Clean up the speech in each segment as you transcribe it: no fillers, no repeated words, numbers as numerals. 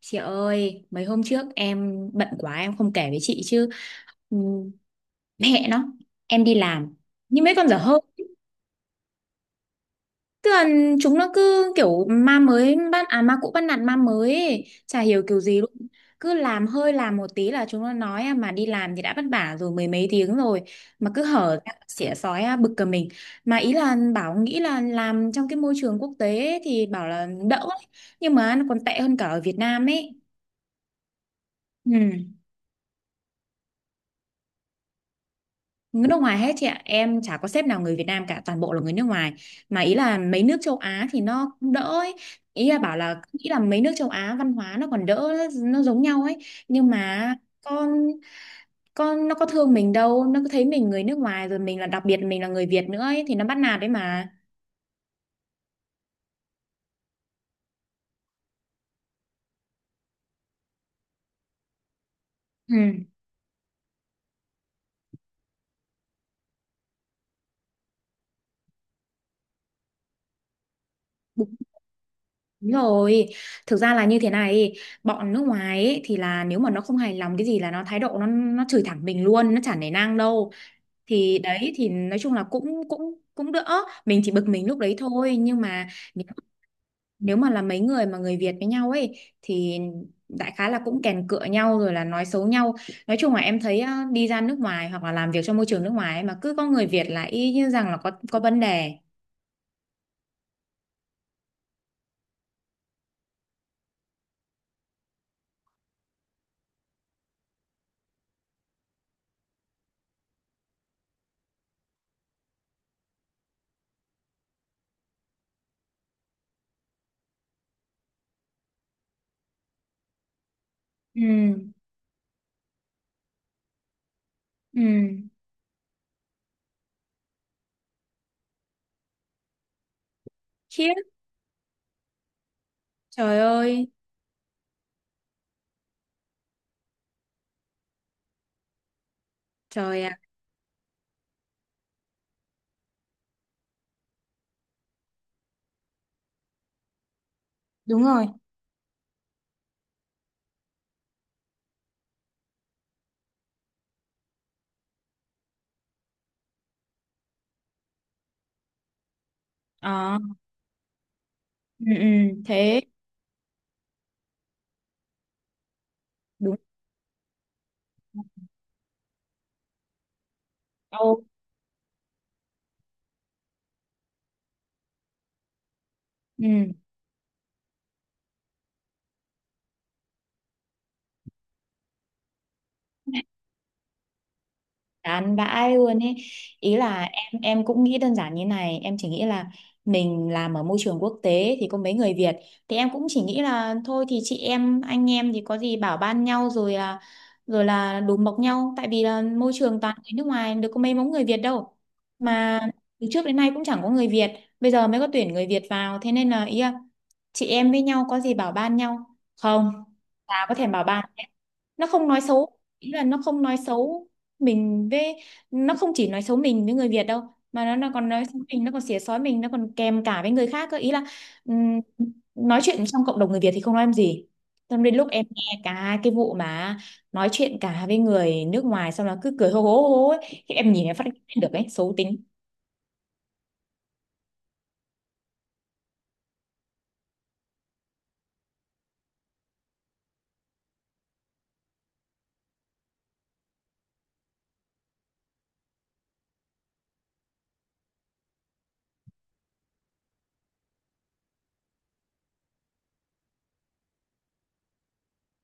Chị ơi, mấy hôm trước em bận quá em không kể với chị chứ. ừm, Mẹ nó, em đi làm như mấy con dở hơi. Tức là chúng nó cứ kiểu ma mới bắt à ma cũ bắt nạt ma mới ấy. Chả hiểu kiểu gì luôn. Cứ làm hơi làm một tí là chúng nó nói à, mà đi làm thì đã vất vả rồi mười mấy tiếng rồi mà cứ hở ra xỉa sói à, bực cả mình. Mà ý là bảo nghĩ là làm trong cái môi trường quốc tế ấy thì bảo là đỡ ấy. Nhưng mà nó còn tệ hơn cả ở Việt Nam ấy. Ừ. Người nước ngoài hết chị ạ, em chả có sếp nào người Việt Nam cả, toàn bộ là người nước ngoài. Mà ý là mấy nước châu Á thì nó cũng đỡ ấy. Ý là bảo là nghĩ là mấy nước châu Á văn hóa nó còn đỡ, nó giống nhau ấy, nhưng mà con con nó có thương mình đâu, nó cứ thấy mình người nước ngoài rồi mình là đặc biệt mình là người Việt nữa ấy thì nó bắt nạt đấy mà. Ừ. Đúng rồi, thực ra là như thế này, bọn nước ngoài ấy, thì là nếu mà nó không hài lòng cái gì là nó thái độ nó chửi thẳng mình luôn, nó chả nể nang đâu. Thì đấy thì nói chung là cũng cũng cũng đỡ, mình chỉ bực mình lúc đấy thôi, nhưng mà nếu nếu mà là mấy người mà người Việt với nhau ấy thì đại khái là cũng kèn cựa nhau rồi là nói xấu nhau. Nói chung là em thấy á, đi ra nước ngoài hoặc là làm việc trong môi trường nước ngoài ấy, mà cứ có người Việt là y như rằng là có vấn đề. Ừ ừ. Khiếp. Trời ơi. Trời ạ. Đúng rồi. Ờ, ừ, ừ, thế đúng đâu ừ. Chán vãi luôn ấy. Ý là em cũng nghĩ đơn giản như này, em chỉ nghĩ là mình làm ở môi trường quốc tế thì có mấy người Việt, thì em cũng chỉ nghĩ là thôi thì chị em anh em thì có gì bảo ban nhau rồi à, rồi là đùm bọc nhau, tại vì là môi trường toàn người nước ngoài được có mấy mống người Việt đâu, mà từ trước đến nay cũng chẳng có người Việt, bây giờ mới có tuyển người Việt vào thế nên là ý là chị em với nhau có gì bảo ban nhau. Không, chả có thèm bảo ban, nó không nói xấu, ý là nó không nói xấu mình với, nó không chỉ nói xấu mình với người Việt đâu, mà nó còn nói xấu mình, nó còn xỉa xói mình, nó còn kèm cả với người khác cơ, ý là ừm, nói chuyện trong cộng đồng người Việt thì không nói em gì, xong đến lúc em nghe cả cái vụ mà nói chuyện cả với người nước ngoài xong là cứ cười hô hố ấy. Thì em nhìn em phát hiện được ấy, xấu tính.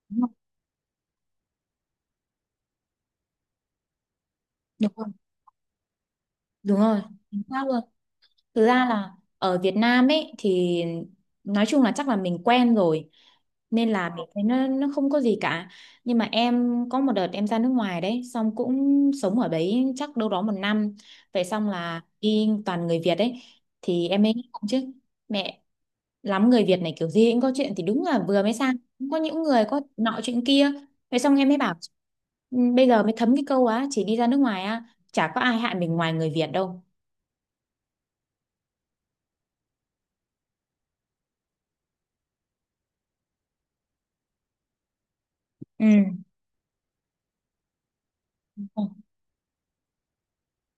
Đúng không? Đúng rồi. Đúng rồi. Chính xác luôn. Thực ra là ở Việt Nam ấy thì nói chung là chắc là mình quen rồi, nên là mình thấy nó không có gì cả. Nhưng mà em có một đợt em ra nước ngoài đấy, xong cũng sống ở đấy chắc đâu đó một năm. Vậy xong là đi toàn người Việt ấy, thì em ấy cũng không chứ. Mẹ, lắm người Việt này kiểu gì cũng có chuyện, thì đúng là vừa mới sang cũng có những người có nọ chuyện kia. Vậy xong em mới bảo "Ừ, bây giờ mới thấm cái câu á, chỉ đi ra nước ngoài á chả có ai hại mình ngoài người Việt đâu. Ừ.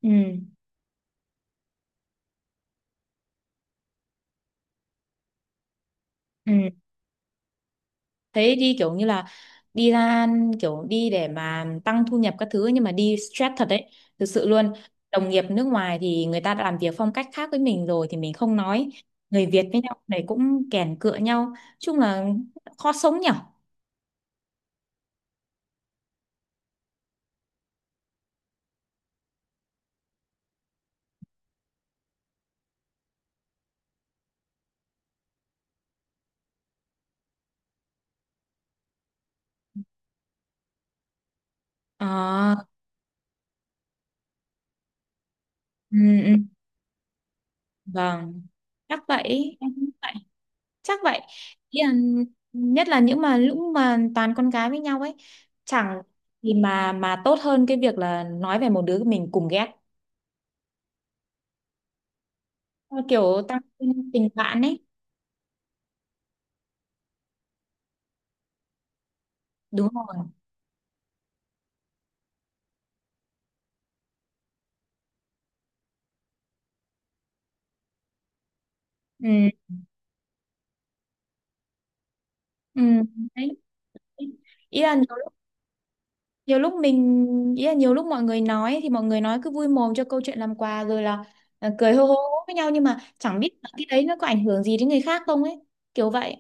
Ừ. Ừ. Thế đi kiểu như là đi ra, kiểu đi để mà tăng thu nhập các thứ nhưng mà đi stress thật đấy, thực sự luôn. Đồng nghiệp nước ngoài thì người ta đã làm việc phong cách khác với mình rồi thì mình không nói, người Việt với nhau này cũng kèn cựa nhau, chung là khó sống nhở. À, ừ, ừ. Vâng, chắc vậy em cũng vậy. Chắc vậy. Ý là, nhất là những mà lúc mà toàn con gái với nhau ấy, chẳng thì mà tốt hơn cái việc là nói về một đứa mình cùng ghét. Ờ, kiểu tăng thêm tình bạn ấy. Đúng rồi. Ừ ừ đấy. Ý là nhiều lúc mình ý là nhiều lúc mọi người nói, thì mọi người nói cứ vui mồm cho câu chuyện làm quà rồi là ờ, cười hô hô hô với nhau nhưng mà chẳng biết là cái đấy nó có ảnh hưởng gì đến người khác không ấy, kiểu vậy.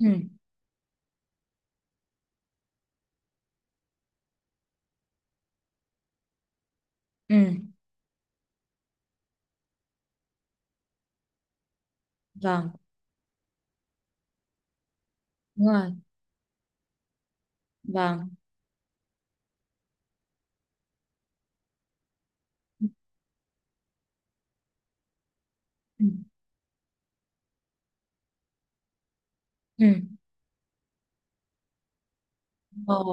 Ừ ừ. Vâng. Đúng rồi. Vâng. Ừ ừ. Ờ,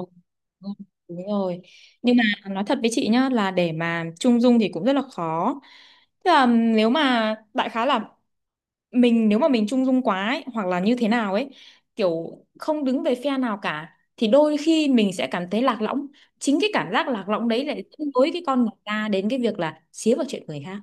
đúng, đúng rồi. Nhưng mà nói thật với chị nhá là để mà trung dung thì cũng rất là khó. Tức là nếu mà đại khái là mình, nếu mà mình trung dung quá ấy, hoặc là như thế nào ấy, kiểu không đứng về phe nào cả thì đôi khi mình sẽ cảm thấy lạc lõng. Chính cái cảm giác lạc lõng đấy lại dẫn lối cái con người ta đến cái việc là xía vào chuyện người khác.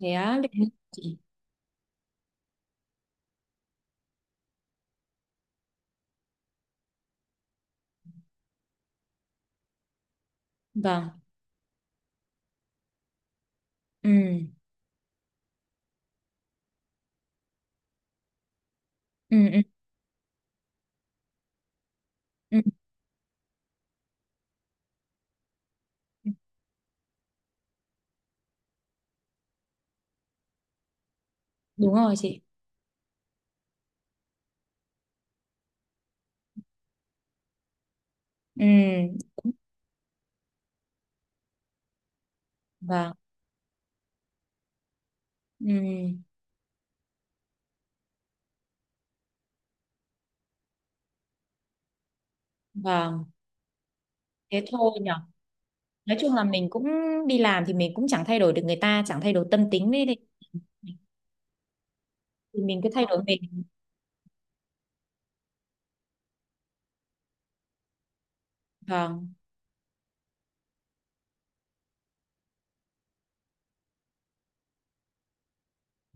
Thế á, Linh- chị. Vâng. Ừ. Ừ ừ ừ. Ừ. Đúng rồi chị. Ừ. Vâng. Ừ. Vâng. Thế thôi nhở, nói chung là mình cũng đi làm thì mình cũng chẳng thay đổi được người ta, chẳng thay đổi tâm tính đấy thì mình cứ thay đổi mình. Vâng,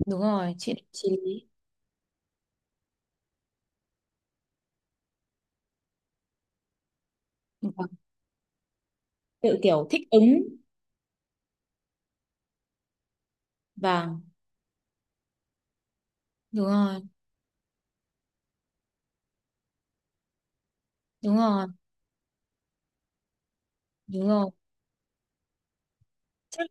đúng rồi chị lý. Vâng. Tự kiểu thích ứng. Vâng. Đúng rồi. Đúng rồi. Đúng rồi. Chắc.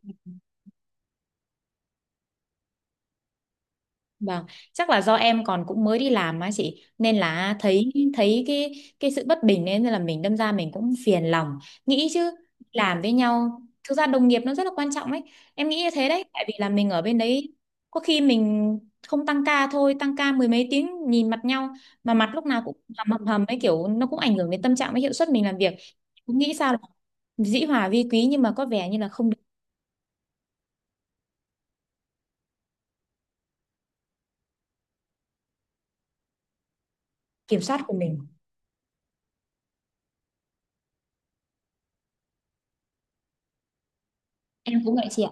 Vâng, chắc là do em còn cũng mới đi làm á chị, nên là thấy thấy cái sự bất bình, nên là mình đâm ra mình cũng phiền lòng, nghĩ chứ. Làm với nhau, thực ra đồng nghiệp nó rất là quan trọng ấy, em nghĩ như thế đấy, tại vì là mình ở bên đấy có khi mình không tăng ca thôi, tăng ca mười mấy tiếng nhìn mặt nhau mà mặt lúc nào cũng hầm hầm hầm ấy, kiểu nó cũng ảnh hưởng đến tâm trạng với hiệu suất mình làm việc, cũng nghĩ sao là dĩ hòa vi quý, nhưng mà có vẻ như là không được. Kiểm soát của mình. Em cũng vậy chị ạ,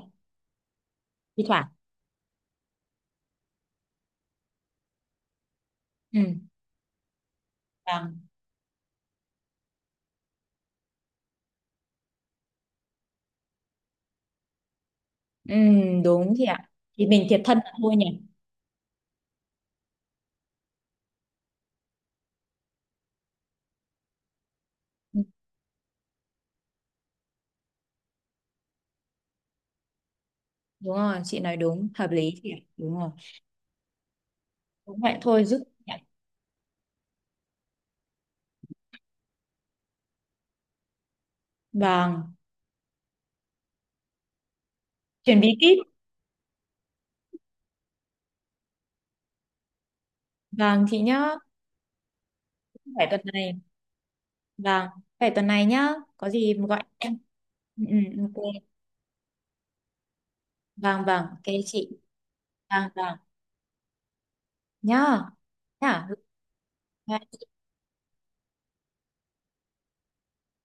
thi thoảng ừ. Vâng. Ừ, đúng chị ạ. Thì mình thiệt thân là thôi nhỉ. Ừ, đúng rồi, chị nói đúng, hợp lý chị ạ. Đúng rồi. Cũng vậy thôi giúp chị ạ. Vâng, chuẩn bị kíp. Vâng chị nhá, phải tuần này. Vâng, phải tuần này nhá. Có gì mà gọi em. Ừ, ừ, ok. Vâng, vâng, ok chị. Vâng, vâng. Nhá. Nhá.